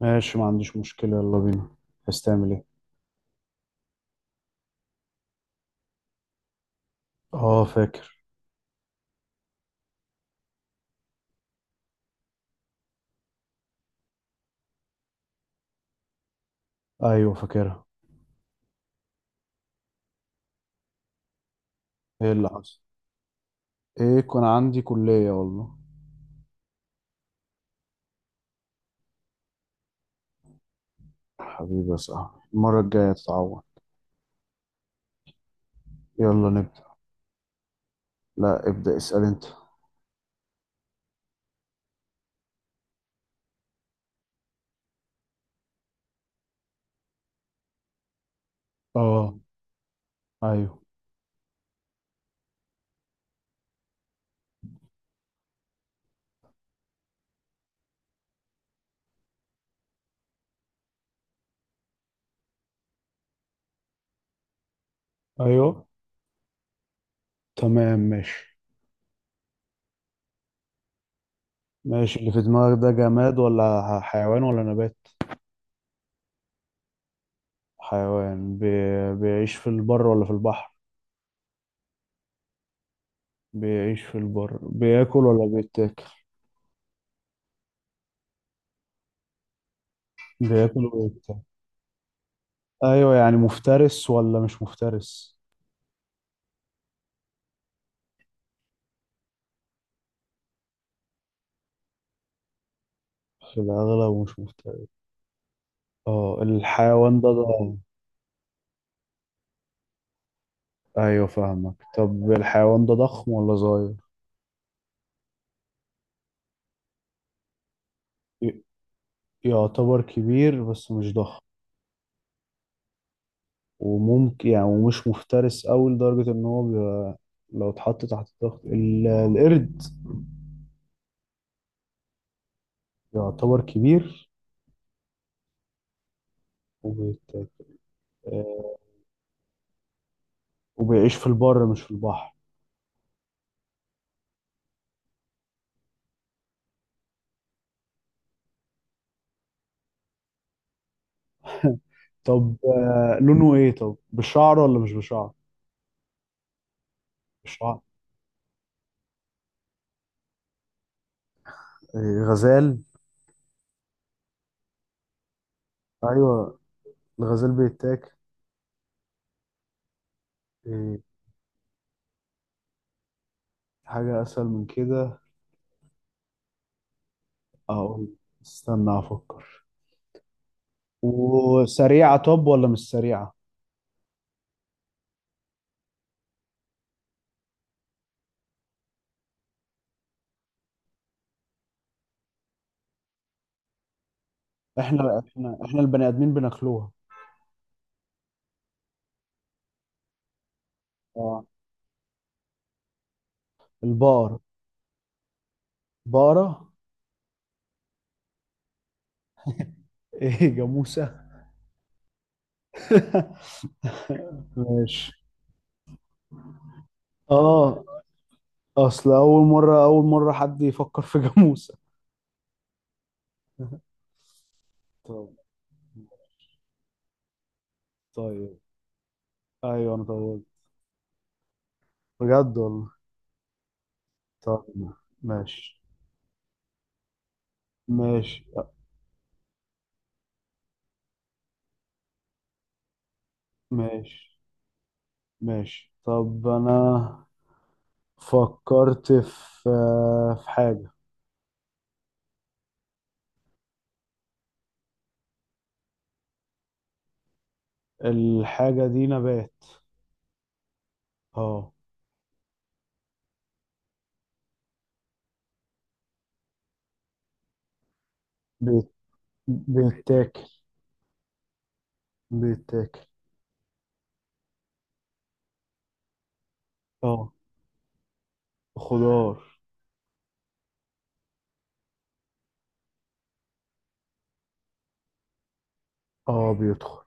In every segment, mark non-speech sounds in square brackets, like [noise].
ماشي، ما عنديش مشكلة، يلا بينا. عايز تعمل ايه؟ اه، فاكر. ايوه، فاكرها. ايه اللي حصل؟ ايه، كان عندي كلية والله. حبيبي يا صاحبي، المرة الجاية تتعوض. يلا نبدأ. لا، ابدأ اسأل انت. اه. ايوه. ايوه، تمام، ماشي. ماشي، اللي في دماغك ده جماد ولا حيوان ولا نبات؟ حيوان. بيعيش في البر ولا في البحر؟ بيعيش في البر. بياكل ولا بيتاكل؟ بياكل وبيتاكل. ايوه، يعني مفترس ولا مش مفترس؟ في الأغلب مش مفترس. اه، الحيوان ده ضخم؟ أيوة، فاهمك. طب الحيوان ده ضخم ولا صغير؟ ي- يعتبر كبير بس مش ضخم. وممكن يعني، ومش مفترس أوي لدرجة إن هو بيبقى لو اتحط تحت ضغط القرد. يعتبر كبير وبيت... آه، وبيعيش في البر مش في البحر. [laughs] طب، لونه إيه طب؟ بشعر ولا مش بشعر؟ بشعر. غزال. أيوة. الغزال بيتاكل. آه، حاجة أسهل من كده. اقول. استنى افكر. وسريعة طب ولا مش سريعة؟ احنا البني ادمين بناكلوها. اه. البقرة. بقرة. ايه، جاموسة؟ [laughs] ماشي. اه، اصل اول مرة اول مرة حد يفكر في جاموسة. [laughs] طب. طيب، ايوه، انا طول، بجد والله. طب، ماشي، ماشي، ماشي، ماشي. طب، انا فكرت في حاجة. الحاجة دي نبات. اه. بيت- بيتاكل. بيتاكل. اه، خضار. اه، بيدخل.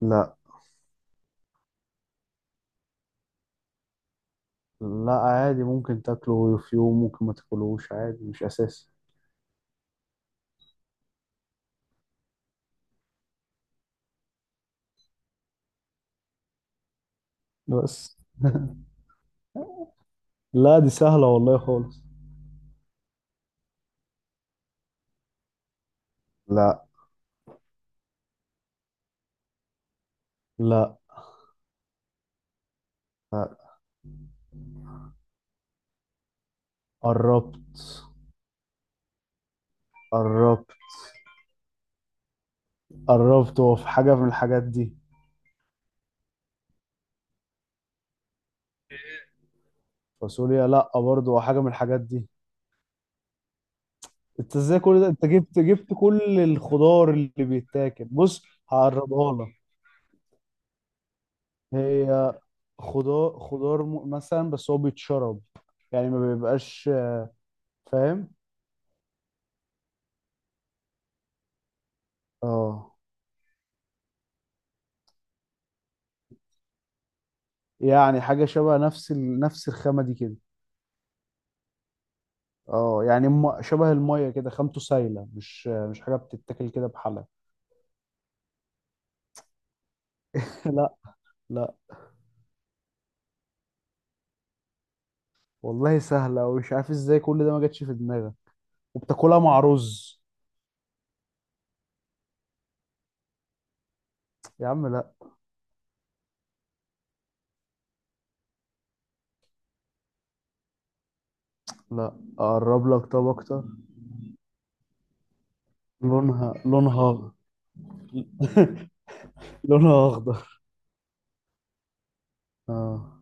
لا. لا، عادي، ممكن تاكله في يوم، ممكن ما تاكلوش عادي، مش اساسي. بس. [laughs] لا، دي سهلة والله خالص. لا، لا. لا، قربت، قربت، قربت. هو في حاجة من الحاجات دي؟ فاصوليا، لا، برضه هو حاجة من الحاجات دي. انت ازاي كل ده؟ انت جبت كل الخضار اللي بيتاكل. بص. هقربها لك. هي خضار، خضار مثلا، بس هو بيتشرب، يعني ما بيبقاش. فاهم؟ اه، يعني حاجة شبه نفس نفس الخامة دي كده. اه، يعني شبه المية كده، خامته سايلة، مش حاجة بتتاكل كده بحالها. [laughs] لا. لا والله، سهلة ومش عارف ازاي كل ده ما جاتش في دماغك. وبتاكلها مع رز. يا عم لا. لا، اقرب لك طب اكتر. لونها، لونها. [laughs] لونها اخضر. اه،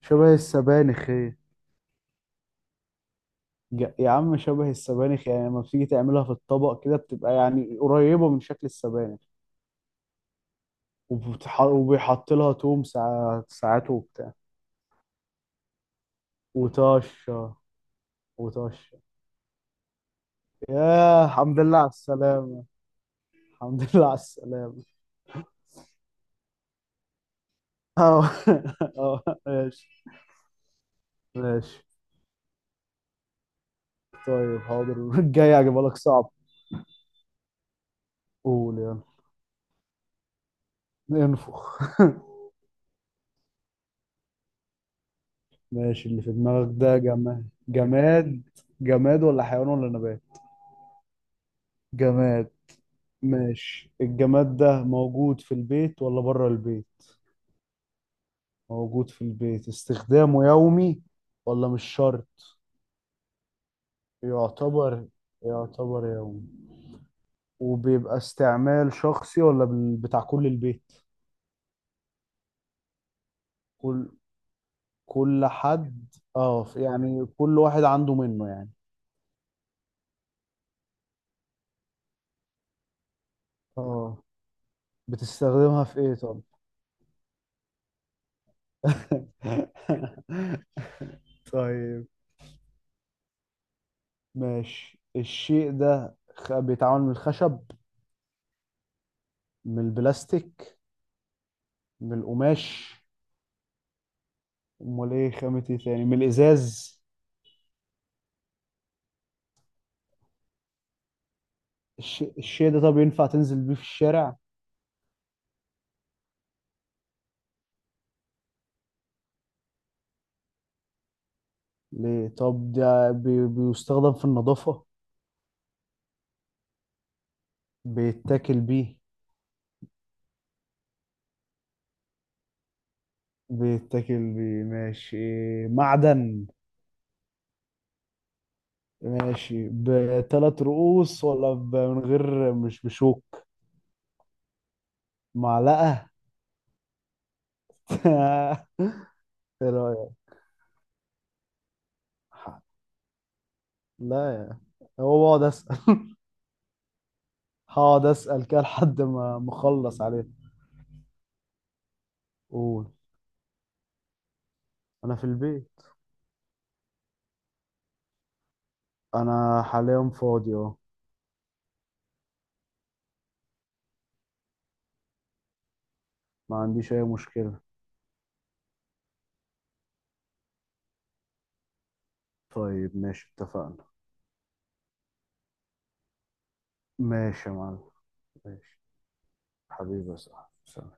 شبه السبانخ هي. يا عم، شبه السبانخ، يعني لما بتيجي تعملها في الطبق كده بتبقى يعني قريبة من شكل السبانخ. وبيحط لها توم ساعات ساعات وبتاع. وطشة. وطشة. يا الحمد لله على السلامة. الحمد [laughs] لله على السلامة. اه. [laughs] اه، ماشي. ماشي، طيب، حاضر. [laughs] الجاي هجيبها لك صعب. قول يلا. انفخ. [laughs] ماشي، اللي في دماغك ده جماد ولا حيوان ولا نبات؟ جماد. ماشي، الجماد ده موجود في البيت ولا بره البيت؟ موجود في البيت. استخدامه يومي ولا مش شرط؟ يعتبر يعتبر يومي. وبيبقى استعمال شخصي ولا بتاع كل البيت؟ كل كل حد، اه يعني كل واحد عنده منه يعني. اه، بتستخدمها في ايه طب؟ [laughs] طيب. ماشي، الشيء ده بيتعمل من الخشب؟ من البلاستيك؟ من القماش؟ امال ايه؟ خامة ايه تاني؟ من الازاز؟ الشيء ده طب ينفع تنزل بيه في الشارع؟ ليه؟ طب ده بيستخدم في النظافة؟ بيتاكل بيه؟ بيتاكل بيه، ماشي. معدن. ماشي، بثلاث رؤوس ولا من غير، مش بشوك؟ معلقة. [laughs] ايه رأيك؟ ح- لا يا. هو بقعد اسأل. [laughs] هقعد اسأل كده لحد ما مخلص عليه. قول. انا في البيت. انا حاليا فاضي، اه. ما عنديش أي مشكلة. طيب، ماشي، اتفقنا. ماشي يا معلم. ماشي، حبيبي يا صاحبي، سلام.